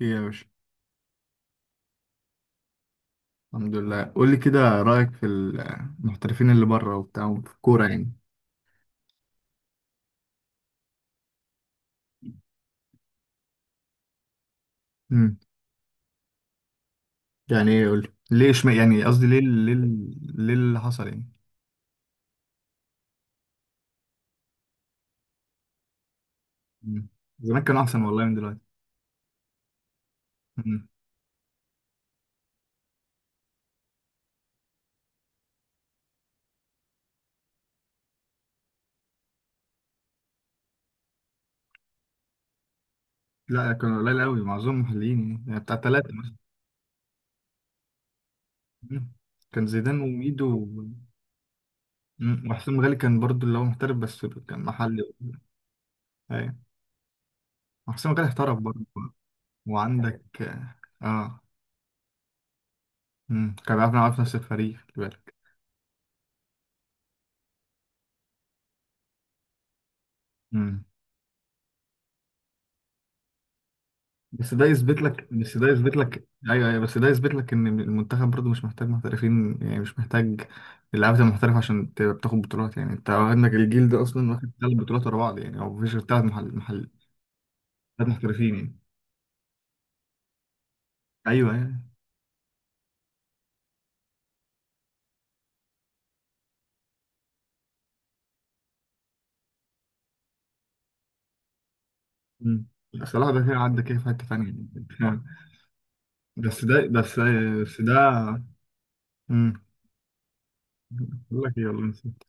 ايه يا باشا. الحمد لله، قول لي كده رأيك في المحترفين اللي بره وبتاع في الكورة يعني. امم. يعني ايه؟ قول لي ليه. اشم، يعني قصدي، ليه اللي حصل يعني. مم. زمان كانوا احسن والله من دلوقتي. مم. لا كانوا قليل قوي، معظمهم محليين يعني بتاع ثلاثة مثلا. مم. كان زيدان وميدو مم. وحسام غالي كان برضو اللي هو محترف، بس كان محلي. ايوه. وحسام غالي احترف برضو. وعندك. اه. مم. كان بيعرف يلعب في نفس الفريق، خلي بالك. مم. بس ده يثبت لك ايوه ايوه، بس ده يثبت لك ان المنتخب برضه مش محتاج محترفين يعني، مش محتاج اللعيبه المحترفه عشان تبقى بتاخد بطولات يعني. انت عندك الجيل ده اصلا واخد ثلاث بطولات ورا بعض يعني، او مفيش غير ثلاث محل. ثلاث محترفين يعني. ايوه يعني. مم. صلاح ده كده عدى كده في حته ثانيه يعني. بس ده بس. بس ده. مم. بقول لك ايه، والله نسيت.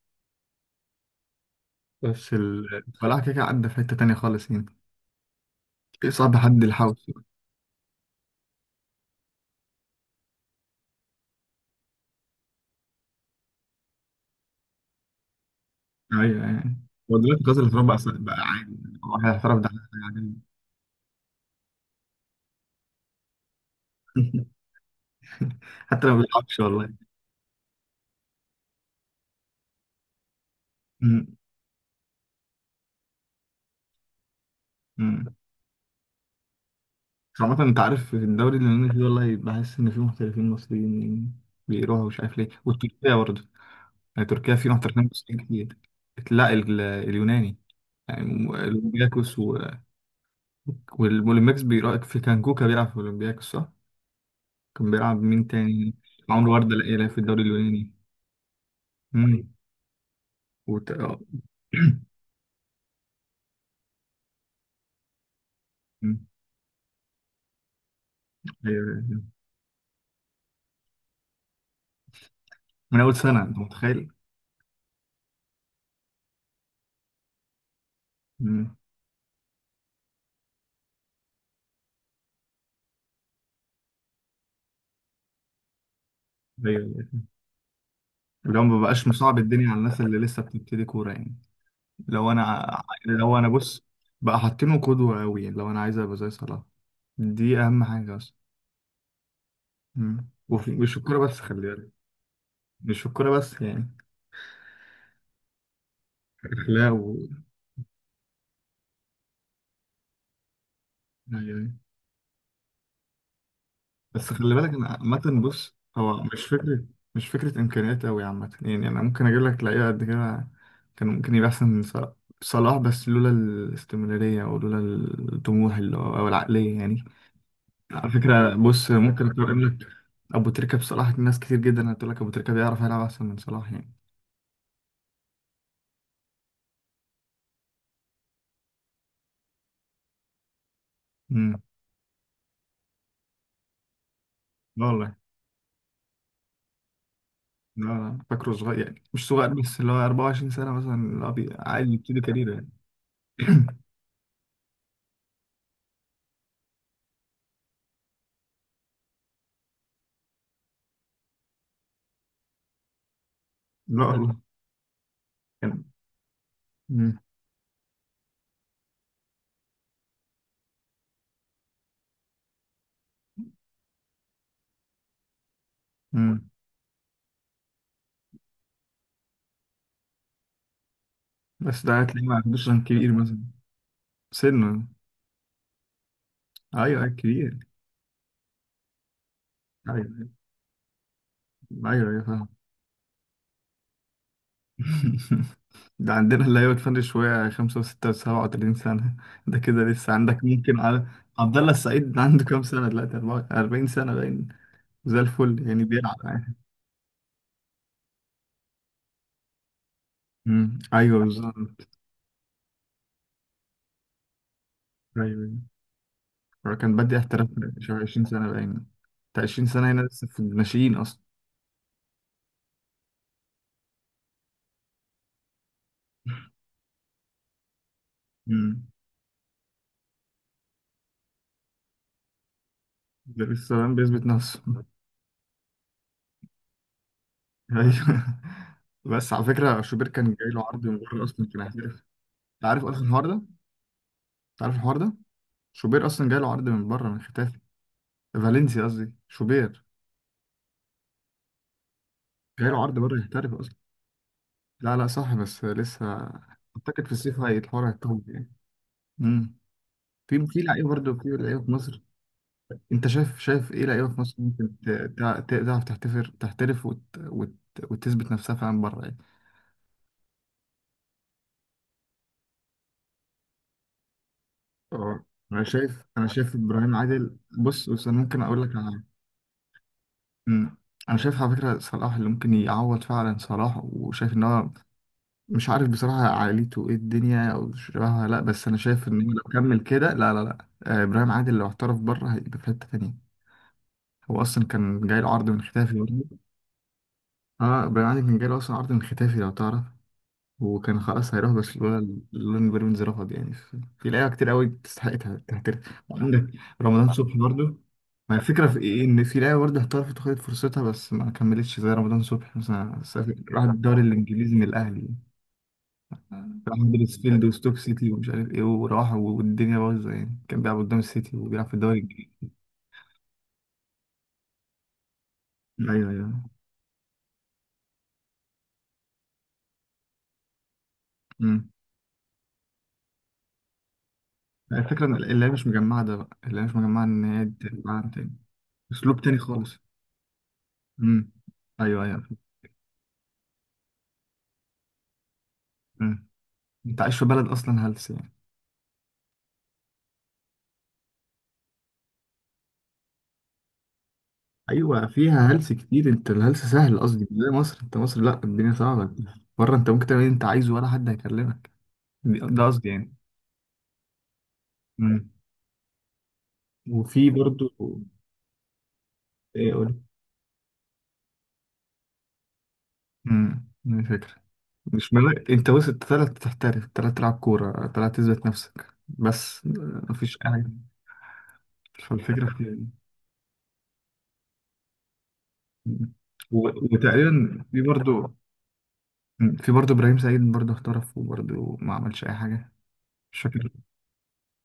بس صلاح كده كده عدى في حته ثانيه خالص يعني. صعب حد يلحقه. ايوه يعني. هو دلوقتي كاس الاحتراف بقى. بقى عادي. واحد احترف ده. عادي. حتى لو ما بيلعبش والله. امم. امم. عامة انت عارف في الدوري اللي انا فيه، والله بحس ان فيه محترفين مصريين بيروحوا، مش عارف ليه، وتركيا برضه. يعني تركيا فيه محترفين مصريين كتير. لا اليوناني. يعني الاولمبياكوس و... والاولمبياكوس بيراقب في كانكوكا، بيلعب في الاولمبياكوس صح؟ كان بيلعب مين تاني؟ عمرو وردة لا يلعب في الدوري اليوناني. امم. آه. أمم. ايوه. من اول سنه انت متخيل. امم. ايوه أيوة. اللي هو ما بقاش مصعب الدنيا على الناس اللي لسه بتبتدي كوره يعني. لو انا بص. بقى حاطينه قدوه قوي يعني، لو انا عايز ابقى زي صلاح. دي اهم حاجه اصلا. ومش الكوره بس خلي بالك. مش في الكوره بس يعني. اخلاق و... أيوة. أيوة. بس خلي بالك ان عامة بص هو مش فكرة. مش فكرة امكانيات قوي عامة يعني، انا ممكن اجيب لك لعيبة قد كده كان ممكن يبقى احسن من صلاح. صلاح بس لولا الاستمرارية، او لولا الطموح اللي هو، او العقلية يعني. على فكرة بص، ممكن اقارن لك ابو تريكة بصلاح. ناس كتير جدا هتقول لك ابو تريكة بيعرف يلعب احسن من صلاح يعني. امم. لا والله. لا لا، فاكره صغير يعني، مش صغير بس اللي هو 24 سنة مثلا، اللي هو عادي يبتدي كاريره يعني. لا والله. كان. مم. مم. بس ده هتلاقيه ما عندوش رقم كبير مثلا. سنه. ايوه أيوة، كبير. ايوه. ايوه ايوه، أيوة، فاهم. ده عندنا اللي هي بتفرق شويه 5 و6 و37 سنه. ده كده لسه عندك ممكن على عبد الله السعيد. عنده كام سنه دلوقتي؟ 40 سنه باين. زي الفل يعني، بيلعب عادي. أمم، ايوه بالظبط. ايوه أيوة. هو كان بادئ احتراف. شهر 20 سنه باين. بتاع 20 سنه هنا لسه في الناشئين اصلا. أمم. ده لسه باين بيثبت نفسه. ايوه. بس على فكره شوبير كان جاي له عرض من بره اصلا، كان هيحترف. انت عارف اصلا الحوار ده؟ انت عارف الحوار ده؟ شوبير اصلا جاي له عرض من بره، من ختافي. فالنسيا قصدي، شوبير. جاي له عرض بره يحترف اصلا. لا لا صح، بس لسه. اعتقد في الصيف هي الحوار هيتطور يعني. امم. في لعيبه برضه، في لعيبه في مصر. انت شايف ايه لعيبه في مصر ممكن تعرف تحترف وتثبت نفسها فعلا بره يعني. اه. انا شايف ابراهيم عادل بص، بس انا ممكن اقول لك. مم. انا شايف على فكره صلاح اللي ممكن يعوض فعلا صلاح، وشايف ان هو، مش عارف بصراحه عائلته ايه الدنيا او شبهها، لا بس انا شايف ان هو لو كمل كده، لا لا لا، ابراهيم عادل لو احترف بره هيبقى في حته تانيه. هو اصلا كان جاي له عرض من ختافي برضه. اه. ابراهيم عادل كان جاي له اصلا عرض من ختافي لو تعرف. وكان خلاص هيروح برشلونة. اللون بيراميدز رفض يعني. في لعيبة كتير قوي تستحق تحترف. وعندك رمضان صبحي برضه. ما الفكرة في إيه؟ إن في لعيبة برضه احترفت وخدت فرصتها بس ما كملتش، زي رمضان صبحي مثلا سافر راح الدوري الإنجليزي من الأهلي. راح هدرسفيلد وستوك سيتي ومش عارف إيه، وراح والدنيا بايظة يعني، كان بيلعب قدام السيتي وبيلعب في الدوري الإنجليزي. أيوه أيوه. أمم. الفكرة إن اللعيبة مش مجمعة. ده بقى اللعيبة مش مجمعة إن هي تبقى تاني. أسلوب تاني خالص. أمم. أيوه أيوه. أمم. انت عايش في بلد اصلا هلس يعني. ايوه، فيها هلس كتير. انت الهلس سهل قصدي، مش زي مصر، انت مصر لا، الدنيا صعبه. بره انت ممكن تعمل اللي انت عايزه، ولا حد هيكلمك. ده قصدي يعني. امم. وفي برضو. ايه قول. دي فكرة. مش ملاك انت، بس انت طلعت تحترف، طلعت تلعب كورة، طلعت تثبت نفسك، بس مفيش اي حاجة. فالفكرة في. مم. و- وتقريبا في برضه. مم. في برضه ابراهيم سعيد، برضه احترف وبرضه ما عملش اي حاجة. مش فاكر.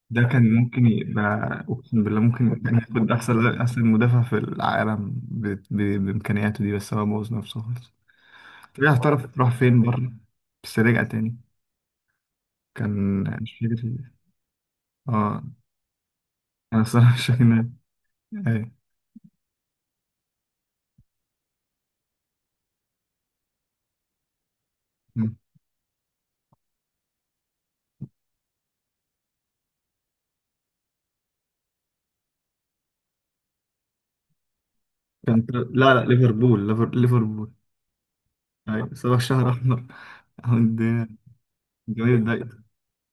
ده كان ممكن يبقى، اقسم بالله ممكن كان ياخد احسن، مدافع في العالم بامكانياته دي، بس هو بوظ نفسه خالص. طلع احترف راح فين بره؟ بس رجع تاني. كان، مش فاكر. اه. انا الصراحه مش فاكر مين. ايوه. كان لا لا ليفربول. ليفربول. ايوه، صباح شهر احمر. عند جماهير الدقيق.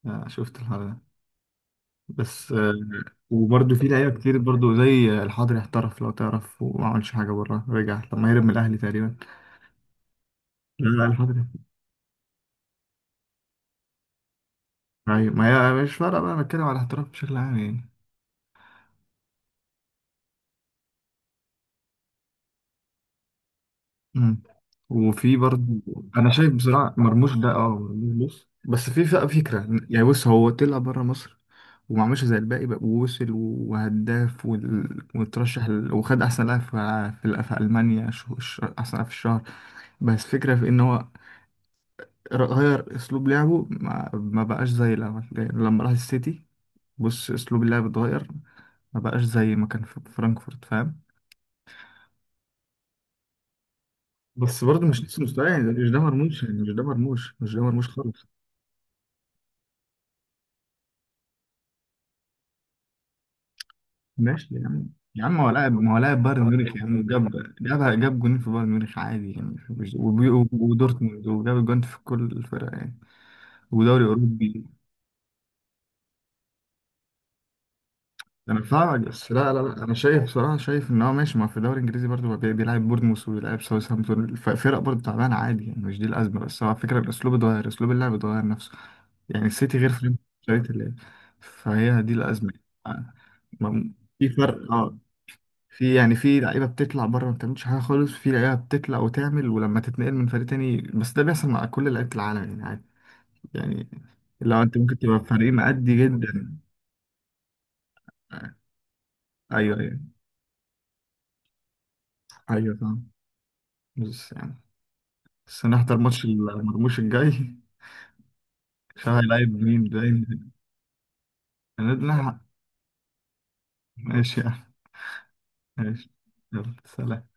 آه، شفت الحوار ده. بس وبرضه في لعيبه كتير برضه، زي الحضري احترف لو تعرف، وما عملش حاجه بره، رجع لما هرب من الاهلي تقريبا. لا لا الحضري. ايوه ما هي مش فارقه بقى، أنا بتكلم على الاحتراف بشكل عام يعني. مم. وفي برضه. انا شايف بصراحه مرموش ده، مرموش. بص، بس في فكره يعني. بص، هو طلع بره مصر وما عملش زي الباقي بقى، ووصل وهداف، وترشح، وخد احسن لاعب في في المانيا، احسن لاعب في الشهر. بس فكره في ان هو، غير اسلوب لعبه. ما بقاش زي لما راح السيتي. بص اسلوب اللعب اتغير. ما بقاش زي ما كان في فرانكفورت، فاهم؟ بس برضه مش نفس المستوى يعني. مش ده مرموش يعني، مش ده مرموش، مش ده مرموش خالص. ماشي يعني. يا عم هو لاعب، ما هو لاعب بايرن ميونخ يعني. وجاب جاب جونين في بايرن ميونخ عادي يعني. مش ودورتموند، وجاب جون في كل الفرق يعني. ودوري اوروبي. انا فاهمك، بس لا لا لا، انا شايف بصراحه، شايف ان هو ماشي. ما هو في الدوري الانجليزي برضه بيلعب بورنموث وبيلعب ساوثهامبتون، فرق برضه تعبانه عادي يعني. مش دي الازمه، بس هو فكره الاسلوب اتغير، اسلوب اللعب اتغير نفسه. يعني السيتي غير فريمبونج شريت اللي. فهي دي الأزمة. آه، ما- في فرق، في يعني، في لعيبة بتطلع بره ما بتعملش حاجة خالص، في لعيبة بتطلع وتعمل ولما تتنقل من فريق تاني، بس ده بيحصل مع كل لعيبة العالم يعني، عادي يعني. لو انت ممكن تبقى في فريق مأدي جدا. آه. ايوه ايوه. ايوه فاهم. بس يعني، بس نحضر ماتش المرموش الجاي. عشان هيلاعب مين باين؟ هنلحق. ماشي يعني. ماشي. يلا سلام.